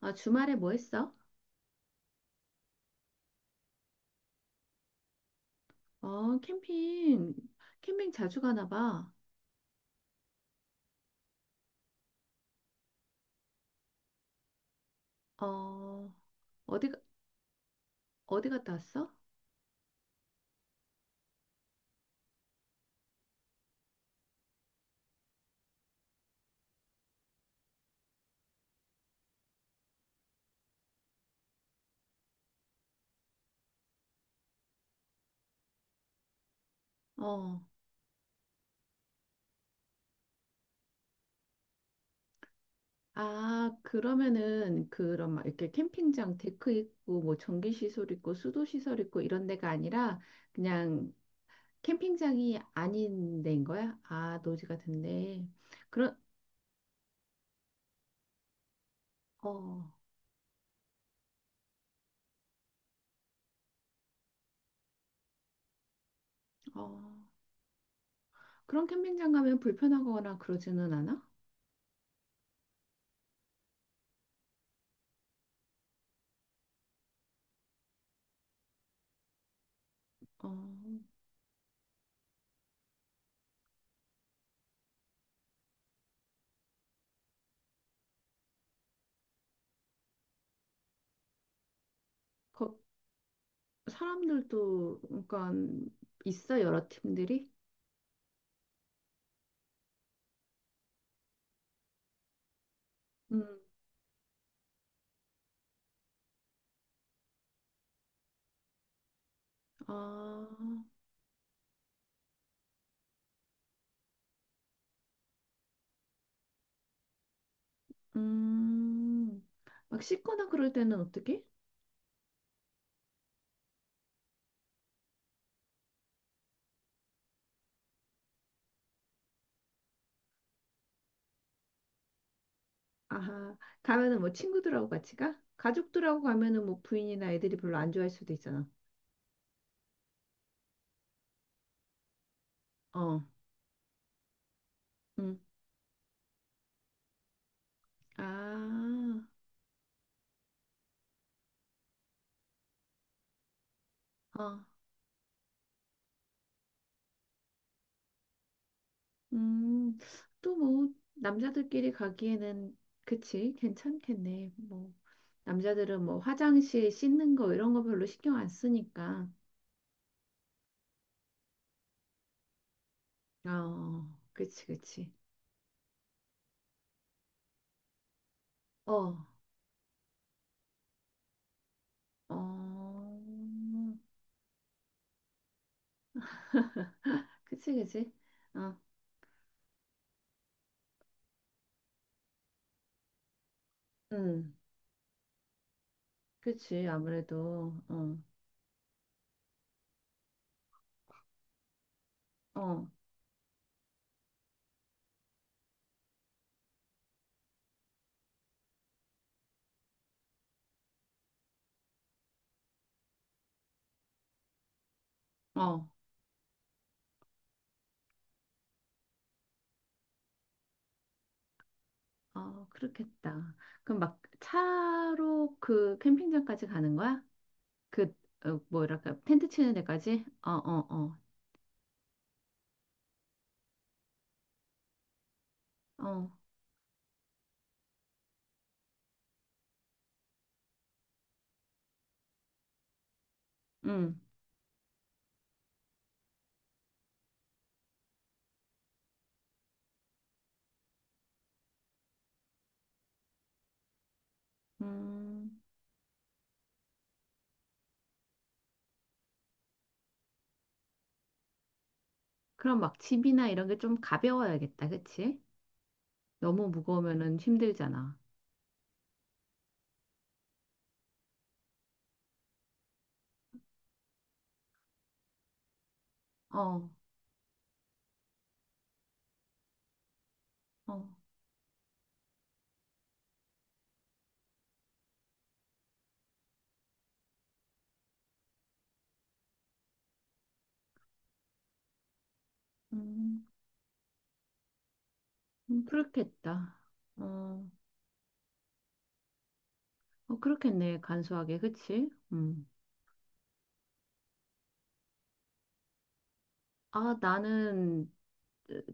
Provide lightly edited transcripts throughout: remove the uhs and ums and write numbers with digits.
아, 주말에 뭐 했어? 어, 캠핑, 캠핑 자주 가나 봐. 어, 어디, 어디 갔다 왔어? 어, 아, 그러면은, 그런, 막 이렇게 캠핑장 데크 있고, 뭐, 전기시설 있고, 수도시설 있고, 이런 데가 아니라, 그냥 캠핑장이 아닌 데인 거야? 아, 노지 같은데. 그런, 어, 어, 그런 캠핑장 가면 불편하거나 그러지는 않아? 어, 거- 사람들도 그러니까 있어 여러 팀들이? 음. 아, 음. 막 씻거나 그럴 때는 어떻게? 아하, 가면은 뭐 친구들하고 같이 가? 가족들하고 가면은 뭐 부인이나 애들이 별로 안 좋아할 수도 있잖아. 어, 음. 아, 어, 음. 또 뭐 남자들끼리 가기에는 그치, 괜찮겠네. 뭐 남자들은 뭐 화장실 씻는 거 이런 거 별로 신경 안 쓰니까. 어, 그치, 그치. 어, 어, 그치, 그치. 어, 음, 그치. 아무래도, 어, 어, 어, 어, 그렇겠다. 그럼 막 차로 그 캠핑장까지 가는 거야? 그, 어, 뭐랄까, 텐트 치는 데까지? 어, 어, 어, 어, 음, 음. 그럼 막 집이나 이런 게 좀 가벼워야겠다, 그치? 너무 무거우면은 힘들잖아. 어, 어, 음. 그렇겠다. 어, 어, 그렇겠네. 간소하게, 그치? 음. 아, 나는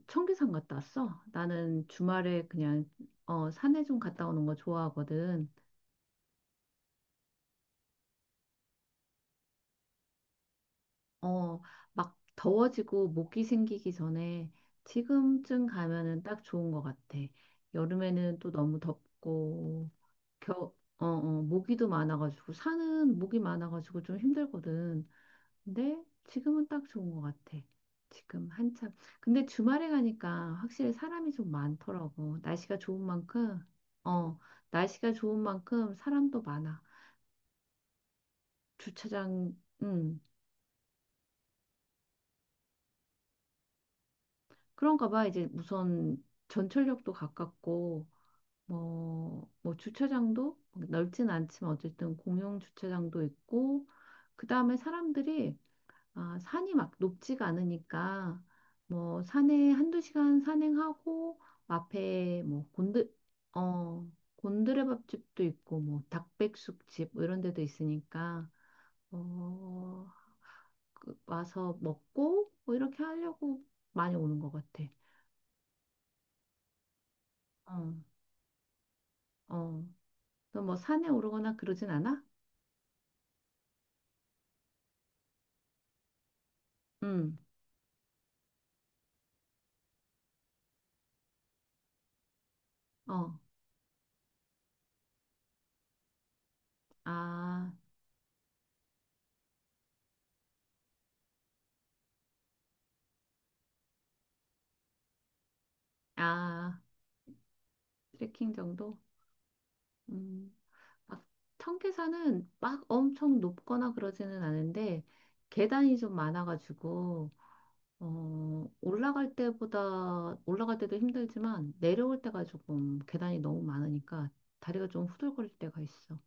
청계산 갔다 왔어. 나는 주말에 그냥 어, 산에 좀 갔다 오는 거 좋아하거든. 어, 막 더워지고 모기 생기기 전에 지금쯤 가면은 딱 좋은 것 같아. 여름에는 또 너무 덥고, 겨, 어, 어, 모기도 많아가지고, 산은 모기 많아가지고 좀 힘들거든. 근데 지금은 딱 좋은 것 같아. 지금 한참. 근데 주말에 가니까 확실히 사람이 좀 많더라고. 날씨가 좋은 만큼, 어, 날씨가 좋은 만큼 사람도 많아. 주차장, 음, 그런가 봐. 이제 우선 전철역도 가깝고, 뭐, 뭐 주차장도 넓진 않지만 어쨌든 공용 주차장도 있고, 그 다음에 사람들이 아, 산이 막 높지가 않으니까 뭐 산에 한두 시간 산행하고 앞에 뭐 곤드 어 곤드레밥집도 있고 뭐 닭백숙집 뭐 이런 데도 있으니까 어 와서 먹고 뭐 이렇게 하려고 많이 오는 것 같아. 어, 어. 너 뭐 산에 오르거나 그러진 않아? 응. 어. 아, 아, 트레킹 정도? 음. 막 청계산은 막 엄청 높거나 그러지는 않은데 계단이 좀 많아가지고 어, 올라갈 때보다 올라갈 때도 힘들지만 내려올 때가 조금 계단이 너무 많으니까 다리가 좀 후들거릴 때가 있어.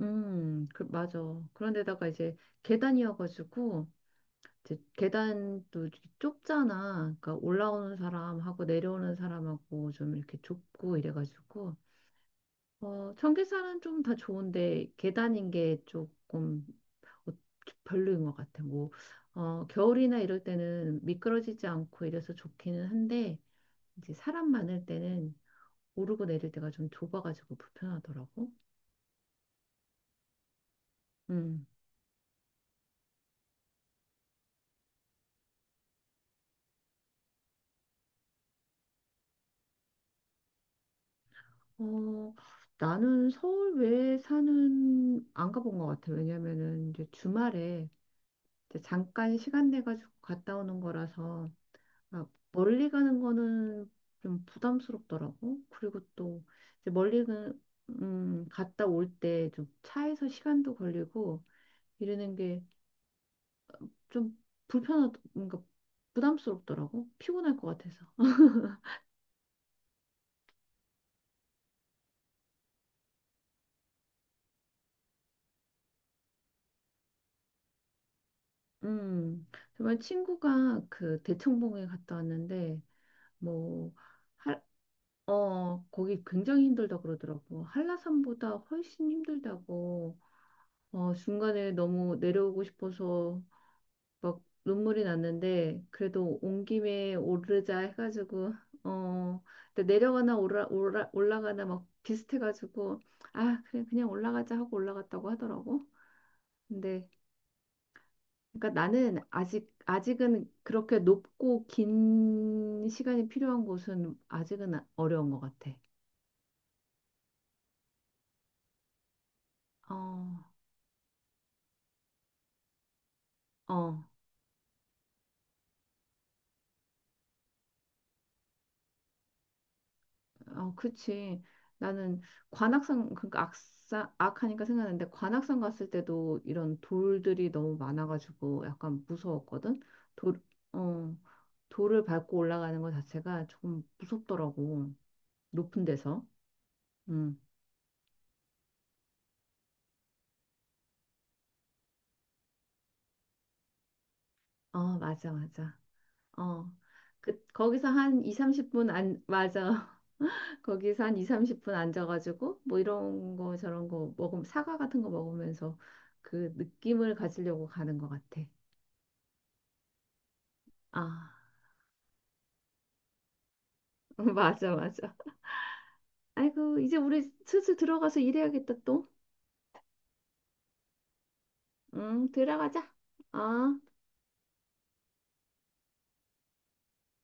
그, 맞아. 그런데다가 이제 계단이어가지고 이제 계단도 이렇게 좁잖아. 그러니까 올라오는 사람하고 내려오는 사람하고 좀 이렇게 좁고 이래가지고 어, 전기차는 좀 다 좋은데 계단인 게 조금 어, 별로인 것 같아. 뭐 어, 겨울이나 이럴 때는 미끄러지지 않고 이래서 좋기는 한데 이제 사람 많을 때는 오르고 내릴 때가 좀 좁아가지고 불편하더라고. 음. 어, 나는 서울 외에 사는 안 가본 것 같아. 왜냐면은 이제 주말에 이제 잠깐 시간 내 가지고 갔다 오는 거라서 아, 멀리 가는 거는 좀 부담스럽더라고. 그리고 또 이제 갔다 올 때 좀 차에서 시간도 걸리고 이러는 게 좀 뭔가 부담스럽더라고. 피곤할 것 같아서. 음, 정말 친구가 그 대청봉에 갔다 왔는데 뭐 할, 어, 거기 굉장히 한라산보다 힘들다 그러더라고. 한라산보다 훨씬 힘들다고. 어, 중간에 너무 내려오고 싶어서 막 눈물이 났는데 그래도 온 김에 오르자 해가지고 어 근데 내려가나 올라가나 막 비슷해가지고 아 그래 그냥 올라가자 하고 올라갔다고 하더라고. 근데 그러니까 나는 아직 아직은 그렇게 높고 긴 시간이 필요한 곳은 아직은 어려운 것 같아. 어, 어. 어, 그치. 나는 관악산, 그러니까 악사, 악하니까 생각났는데 관악산 갔을 때도 이런 돌들이 너무 많아가지고 약간 무서웠거든. 돌, 어, 돌을 밟고 올라가는 것 자체가 조금 무섭더라고. 높은 데서. 음. 어, 맞아, 맞아. 어. 그, 거기서 한 2, 30분 안, 맞아. 거기서 한 2, 30분 앉아가지고 뭐 이런 거 저런 거 먹으면 사과 같은 거 먹으면서 그 느낌을 가지려고 가는 것 같아. 아. 맞아, 맞아. 아이고, 이제 우리 슬슬 들어가서 일해야겠다, 또. 응, 들어가자. 어.